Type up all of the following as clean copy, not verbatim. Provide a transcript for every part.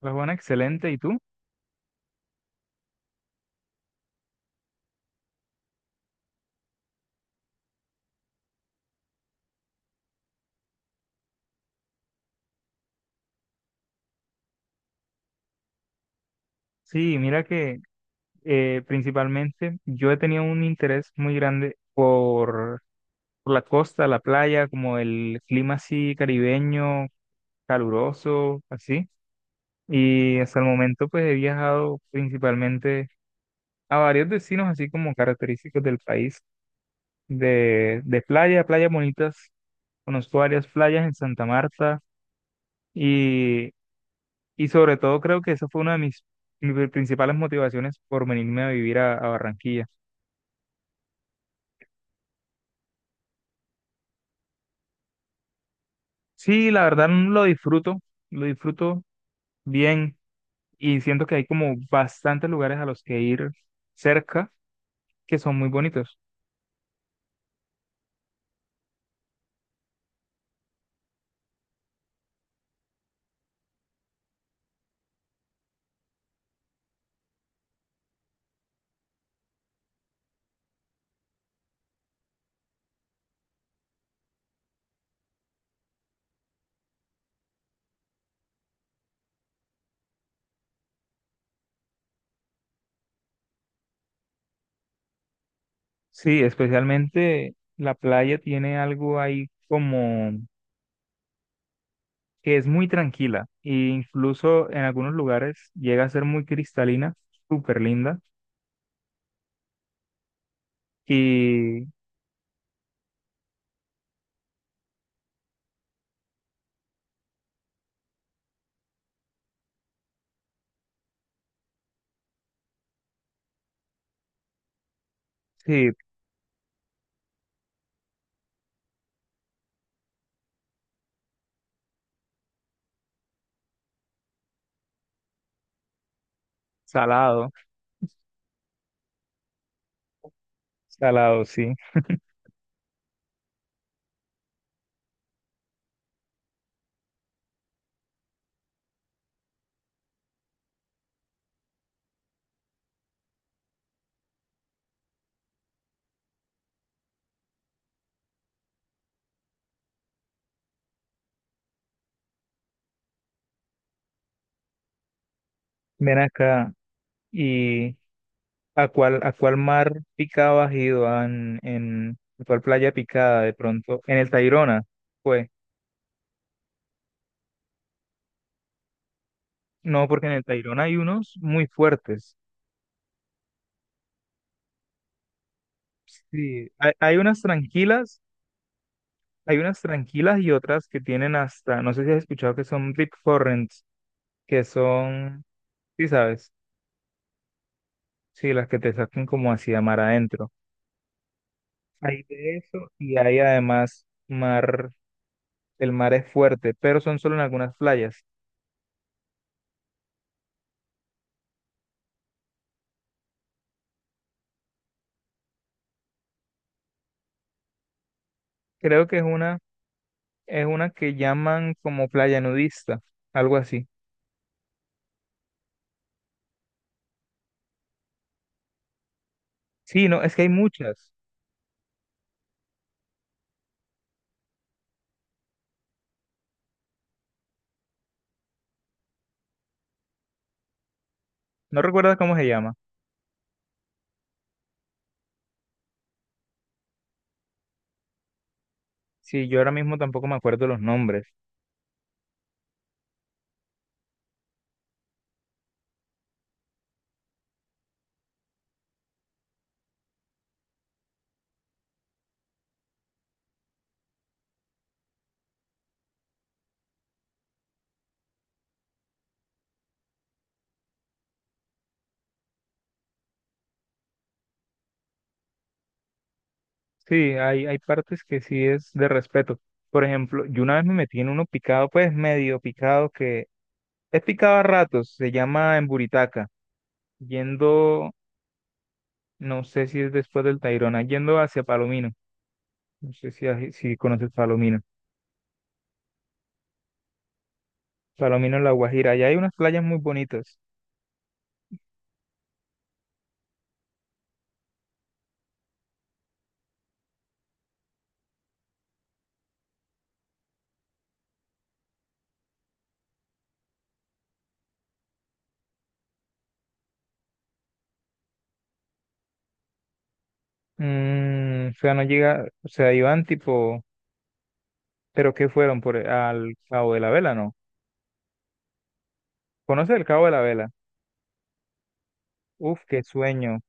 Pues bueno, excelente. ¿Y tú? Sí, mira que principalmente yo he tenido un interés muy grande por la costa, la playa, como el clima así caribeño, caluroso, así. Y hasta el momento pues he viajado principalmente a varios destinos así como característicos del país, de playa, playas bonitas. Conozco varias playas en Santa Marta y Y sobre todo creo que esa fue una de mis principales motivaciones por venirme a vivir a Barranquilla. Sí, la verdad lo disfruto bien y siento que hay como bastantes lugares a los que ir cerca que son muy bonitos. Sí, especialmente la playa tiene algo ahí como que es muy tranquila e incluso en algunos lugares llega a ser muy cristalina, súper linda y sí, salado, salado, sí. Ven acá. ¿Y a a cuál mar picado has ido? Ah, en a cuál playa picada de pronto? ¿En el Tayrona? Pues, no, porque en el Tayrona hay unos muy fuertes. Sí, hay unas tranquilas y otras que tienen hasta, no sé si has escuchado que son deep currents, que son, sí sabes, sí, las que te sacan como hacia mar adentro. Hay de eso y hay además el mar es fuerte, pero son solo en algunas playas. Creo que es una Es una que llaman como playa nudista, algo así. Sí, no, es que hay muchas. No recuerdas cómo se llama. Sí, yo ahora mismo tampoco me acuerdo los nombres. Sí, hay partes que sí es de respeto. Por ejemplo, yo una vez me metí en uno picado, pues medio picado, que es picado a ratos, se llama Emburitaca, yendo, no sé si es después del Tayrona, yendo hacia Palomino. No sé si conoces Palomino. Palomino en La Guajira, allá hay unas playas muy bonitas. Mm, o sea, no llega, o sea, iban tipo, pero ¿qué fueron por al Cabo de la Vela, no? ¿Conoce el Cabo de la Vela? Uf, qué sueño.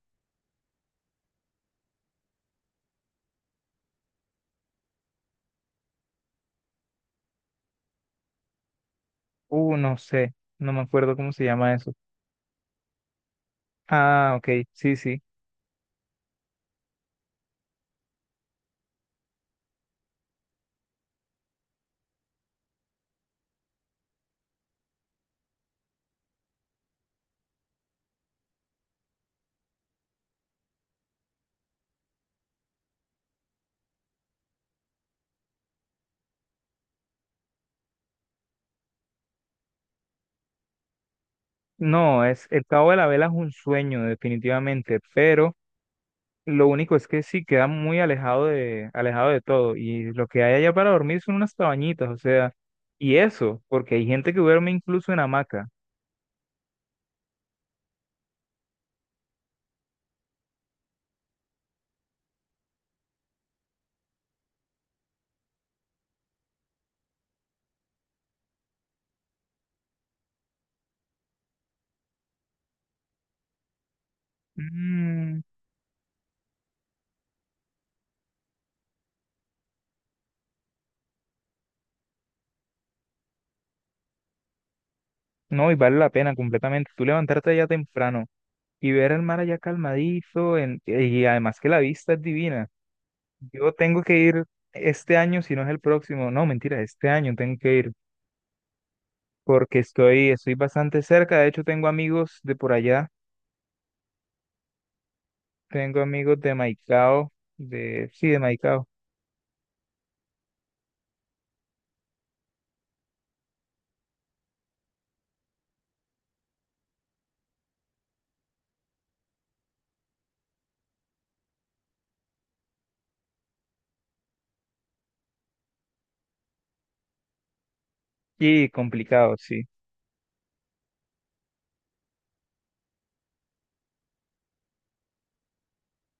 No sé, no me acuerdo cómo se llama eso. Ah, ok, sí, sí. No, es el Cabo de la Vela es un sueño definitivamente, pero lo único es que sí queda muy alejado de todo y lo que hay allá para dormir son unas cabañitas, o sea, y eso, porque hay gente que duerme incluso en hamaca. Mm. No, y vale la pena completamente. Tú levantarte allá temprano y ver el mar allá calmadizo, y además que la vista es divina. Yo tengo que ir este año, si no es el próximo. No, mentira, este año tengo que ir porque estoy bastante cerca. De hecho, tengo amigos de por allá. Tengo amigos de Maicao, de, sí, de Maicao. Y complicado, sí.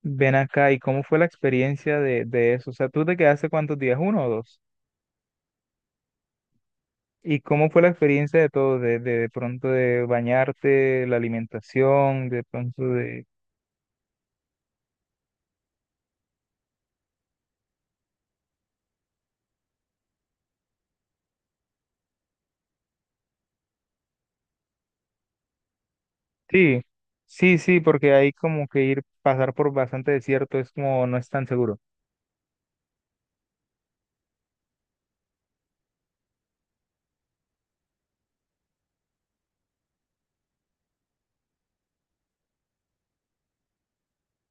Ven acá, ¿y cómo fue la experiencia de eso? O sea, ¿tú te quedaste cuántos días? ¿Uno o dos? ¿Y cómo fue la experiencia de todo? De, de pronto de bañarte, la alimentación, de pronto de... Sí, sí, porque ahí como que ir, pasar por bastante desierto es como no es tan seguro.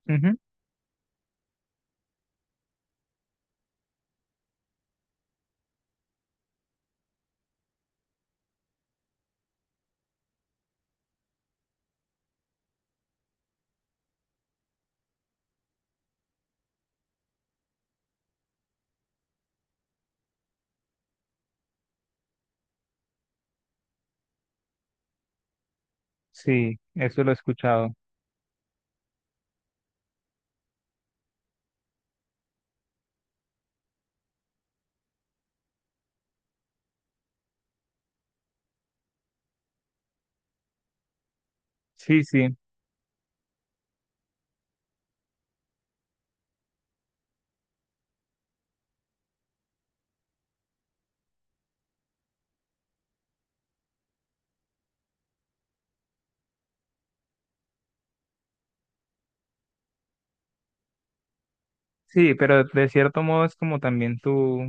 Ujú. Sí, eso lo he escuchado. Sí, sí, pero de cierto modo es como también tu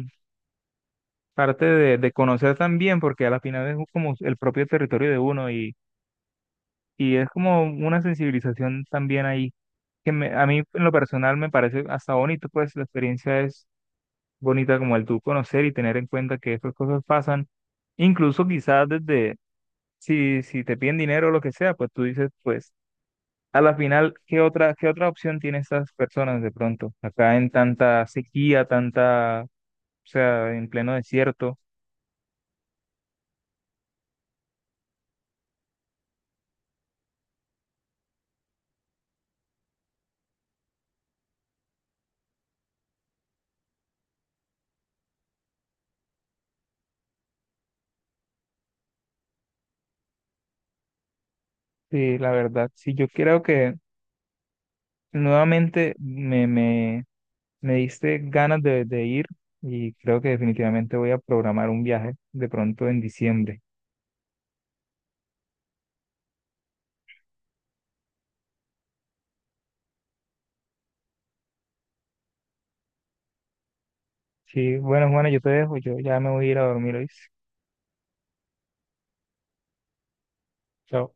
parte de conocer también, porque a la final es como el propio territorio de uno y es como una sensibilización también ahí, que a mí en lo personal me parece hasta bonito, pues la experiencia es bonita como el tú conocer y tener en cuenta que estas cosas pasan, incluso quizás desde, si te piden dinero o lo que sea, pues tú dices, pues a la final, ¿qué qué otra opción tienen estas personas de pronto? Acá en tanta sequía, tanta, o sea, en pleno desierto. Sí, la verdad, sí, yo creo que nuevamente me diste ganas de ir y creo que definitivamente voy a programar un viaje de pronto en diciembre. Sí, bueno, Juana, yo te dejo, yo ya me voy a ir a dormir hoy. Chao.